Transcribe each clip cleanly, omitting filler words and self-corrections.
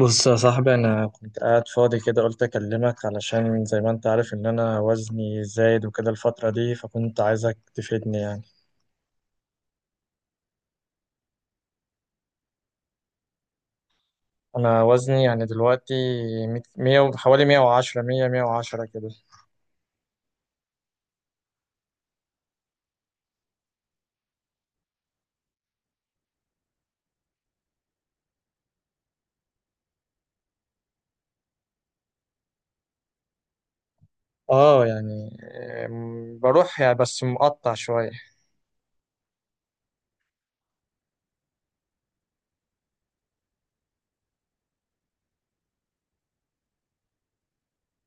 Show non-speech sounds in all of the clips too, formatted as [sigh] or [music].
بص يا صاحبي، انا كنت قاعد فاضي كده قلت اكلمك علشان زي ما انت عارف ان انا وزني زايد وكده الفترة دي، فكنت عايزك تفيدني يعني. انا وزني يعني دلوقتي مية حوالي 110 100 110 كده. اه يعني، بروح يعني بس مقطع شوية.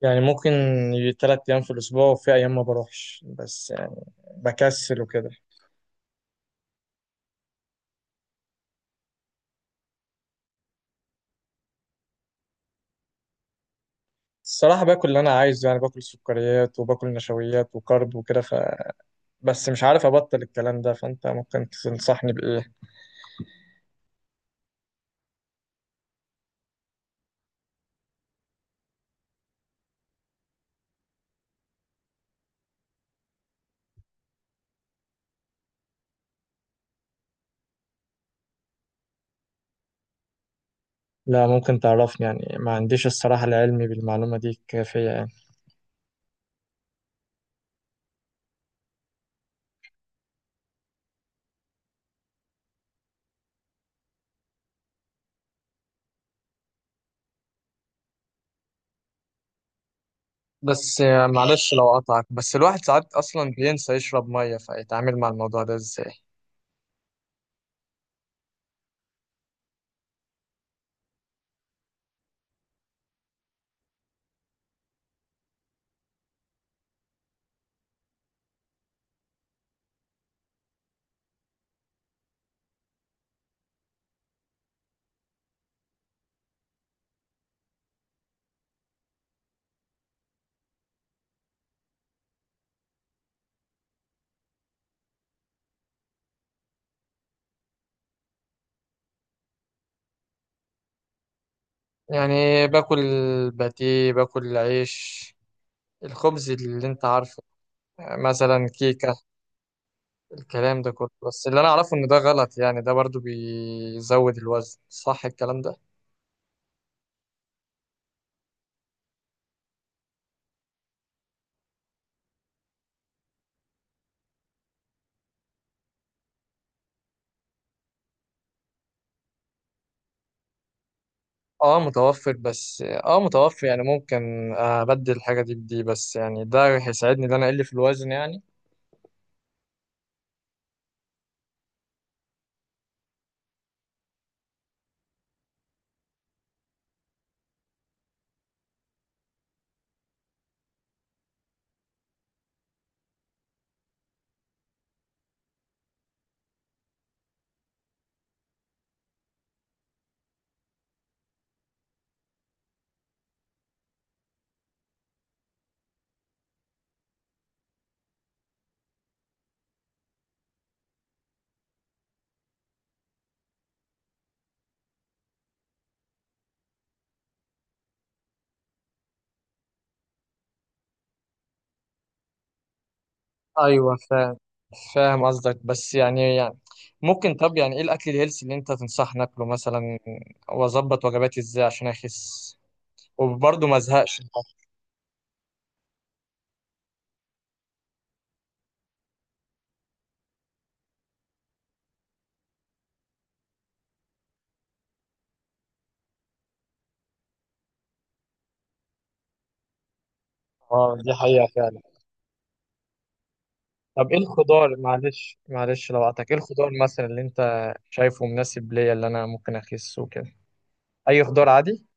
يعني ممكن 3 ايام في الاسبوع وفي ايام ما بروحش، بس يعني بكسل وكده. الصراحة باكل اللي انا عايزه، يعني باكل سكريات وباكل نشويات وكارب وكده، بس مش عارف ابطل الكلام ده، فانت ممكن تنصحني بايه. لا، ممكن تعرفني يعني؟ ما عنديش الصراحة العلم بالمعلومة دي كافية يعني. بس معلش لو قطعك، بس الواحد ساعات اصلا بينسى يشرب ميه، فيتعامل مع الموضوع ده ازاي؟ يعني باكل باتيه، باكل عيش، الخبز اللي انت عارفه. مثلا كيكة، الكلام ده كله، بس اللي انا اعرفه ان ده غلط، يعني ده برضو بيزود الوزن، صح الكلام ده؟ اه متوفر، بس اه متوفر يعني، ممكن ابدل الحاجه دي بدي، بس يعني ده هيساعدني ان انا اقل في الوزن يعني؟ ايوه فاهم، فاهم قصدك، بس يعني ممكن، طب يعني ايه الاكل الهيلثي اللي انت تنصحني اكله مثلا، واظبط وجباتي ازاي عشان اخس وبرضه ما ازهقش؟ اه دي حقيقة فعلا. طب ايه الخضار، معلش معلش لو قطعتك، ايه الخضار مثلا اللي انت شايفه مناسب ليا اللي انا ممكن اخس وكده؟ اي خضار عادي؟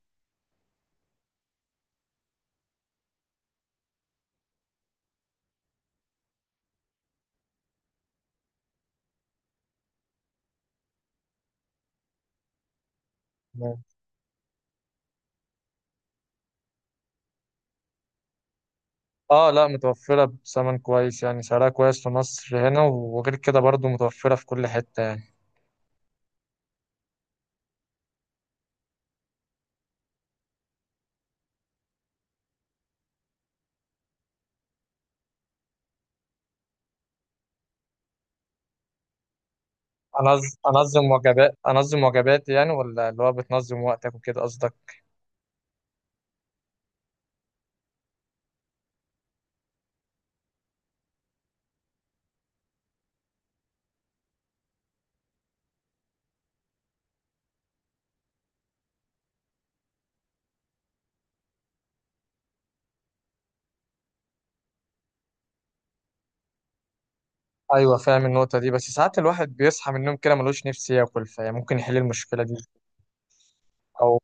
اه لا، متوفرة بثمن كويس، يعني سعرها كويس في مصر هنا، وغير كده برضو متوفرة في كل حتة يعني. أنظم وجبات، أنظم وجباتي يعني، ولا اللي هو بتنظم وقتك وكده قصدك؟ أيوة فاهم النقطة دي، بس ساعات الواحد بيصحى من النوم كده ملوش نفس ياكل، فهي ممكن يحل المشكلة دي، أو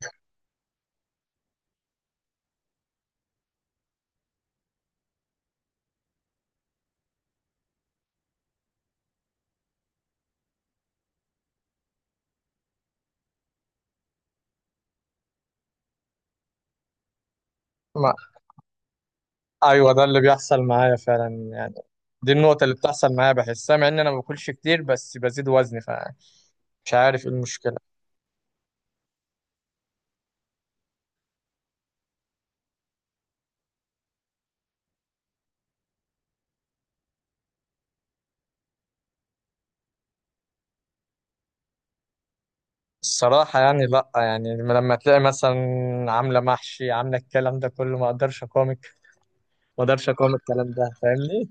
ما. [laughs] أيوة ده اللي بيحصل معايا فعلا يعني، دي النقطة اللي بتحصل معايا، بحسها مع إن أنا ما باكلش كتير بس بزيد وزني، فمش عارف إيه المشكلة. الصراحة يعني لأ، يعني لما تلاقي مثلا عاملة محشي، عاملة الكلام ده كله، ما أقدرش أقاومك، ما أقدرش أقاوم الكلام ده، فاهمني؟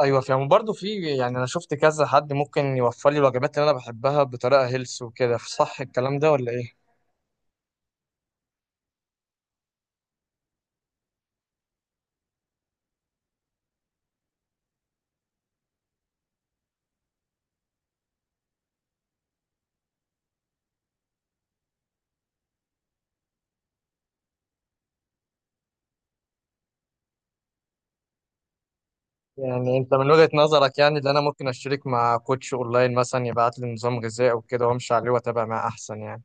أيوة فاهم، وبرضه في يعني، أنا شفت كذا حد ممكن يوفر لي الوجبات اللي أنا بحبها بطريقة هيلث وكده، صح الكلام ده ولا إيه؟ يعني أنت من وجهة نظرك يعني، اللي أنا ممكن أشترك مع كوتش أونلاين مثلا يبعت لي نظام غذائي وكده وأمشي عليه وأتابع معاه أحسن يعني؟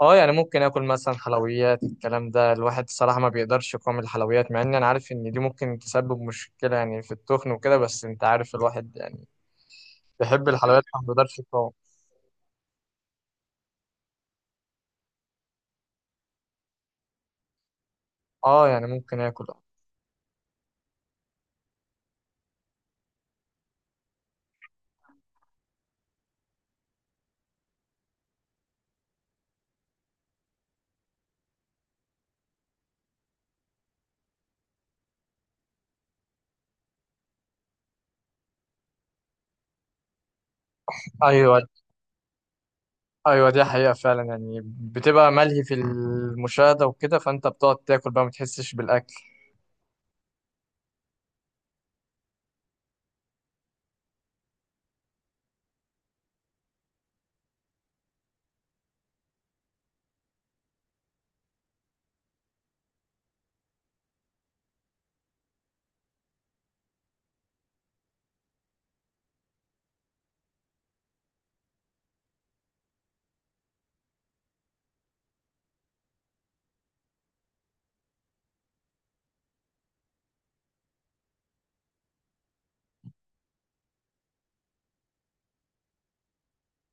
اه يعني ممكن اكل مثلا حلويات، الكلام ده الواحد الصراحه ما بيقدرش يقاوم الحلويات، مع ان انا عارف ان دي ممكن تسبب مشكله يعني في التخن وكده، بس انت عارف الواحد يعني بيحب الحلويات فما بيقدرش يقاوم. اه يعني ممكن اكل. ايوه. ايوه دي حقيقه فعلا يعني، بتبقى ملهي في المشاهده وكده، فانت بتقعد تاكل بقى ما تحسش بالاكل.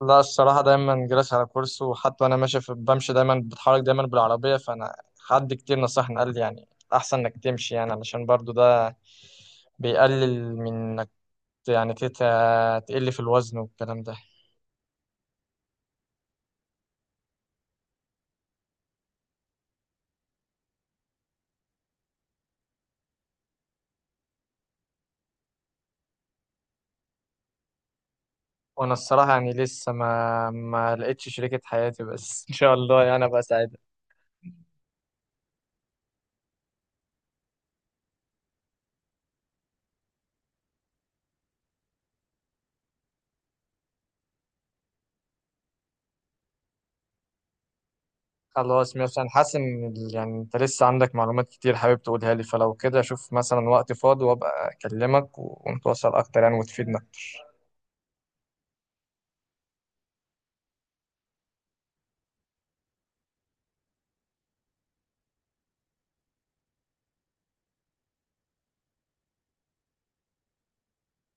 لا الصراحة دايما جالس على كرسي، وحتى وأنا ماشي بمشي دايما، بتحرك دايما بالعربية، فأنا حد كتير نصحني قال لي يعني أحسن إنك تمشي، يعني علشان برضو ده بيقلل من إنك يعني تقل في الوزن والكلام ده. وأنا الصراحة يعني لسه ما لقيتش شريكة حياتي بس، [laughs] إن شاء الله يعني أبقى سعيد. خلاص ماشي، أنا حاسس إن يعني أنت لسه عندك معلومات كتير حابب تقولها لي، فلو كده أشوف مثلا وقت فاضي وأبقى أكلمك ونتواصل أكتر يعني وتفيدنا.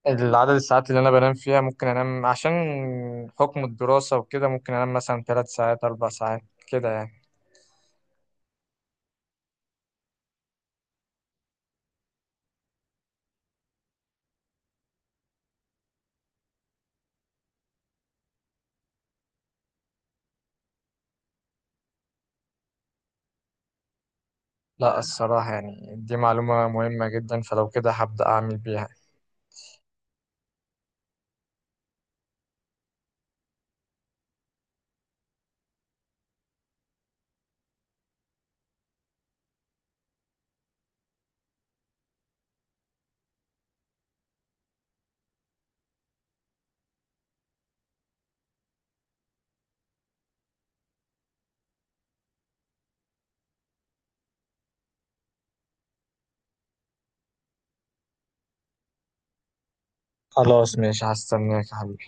العدد الساعات اللي انا بنام فيها، ممكن انام عشان حكم الدراسة وكده، ممكن انام مثلا 3 ساعات 4 ساعات كده يعني. لا الصراحة يعني دي معلومة مهمة جدا، فلو كده هبدأ اعمل بيها. خلاص ماشي هستناك يا حبيبي.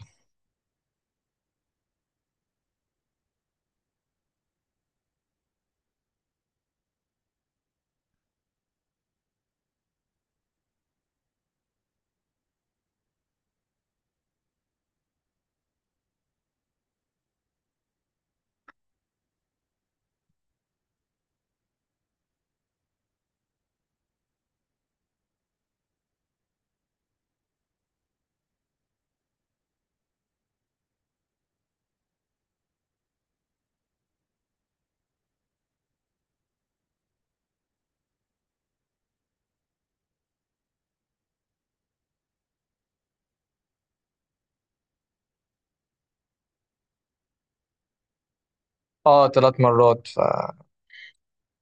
اه 3 مرات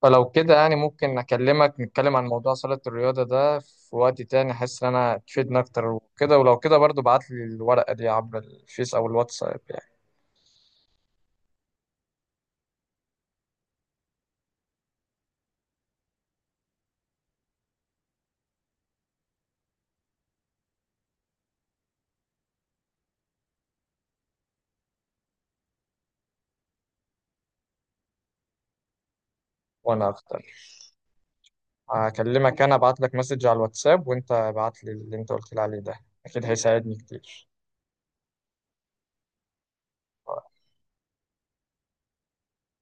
فلو كده يعني ممكن اكلمك نتكلم عن موضوع صالة الرياضة ده في وقت تاني، احس ان انا تفيدني اكتر وكده، ولو كده برضو بعت لي الورقة دي عبر الفيس او الواتساب يعني. وانا اختار، هكلمك، انا ابعت لك مسج على الواتساب وانت ابعت لي اللي انت قلت لي عليه ده، اكيد هيساعدني كتير.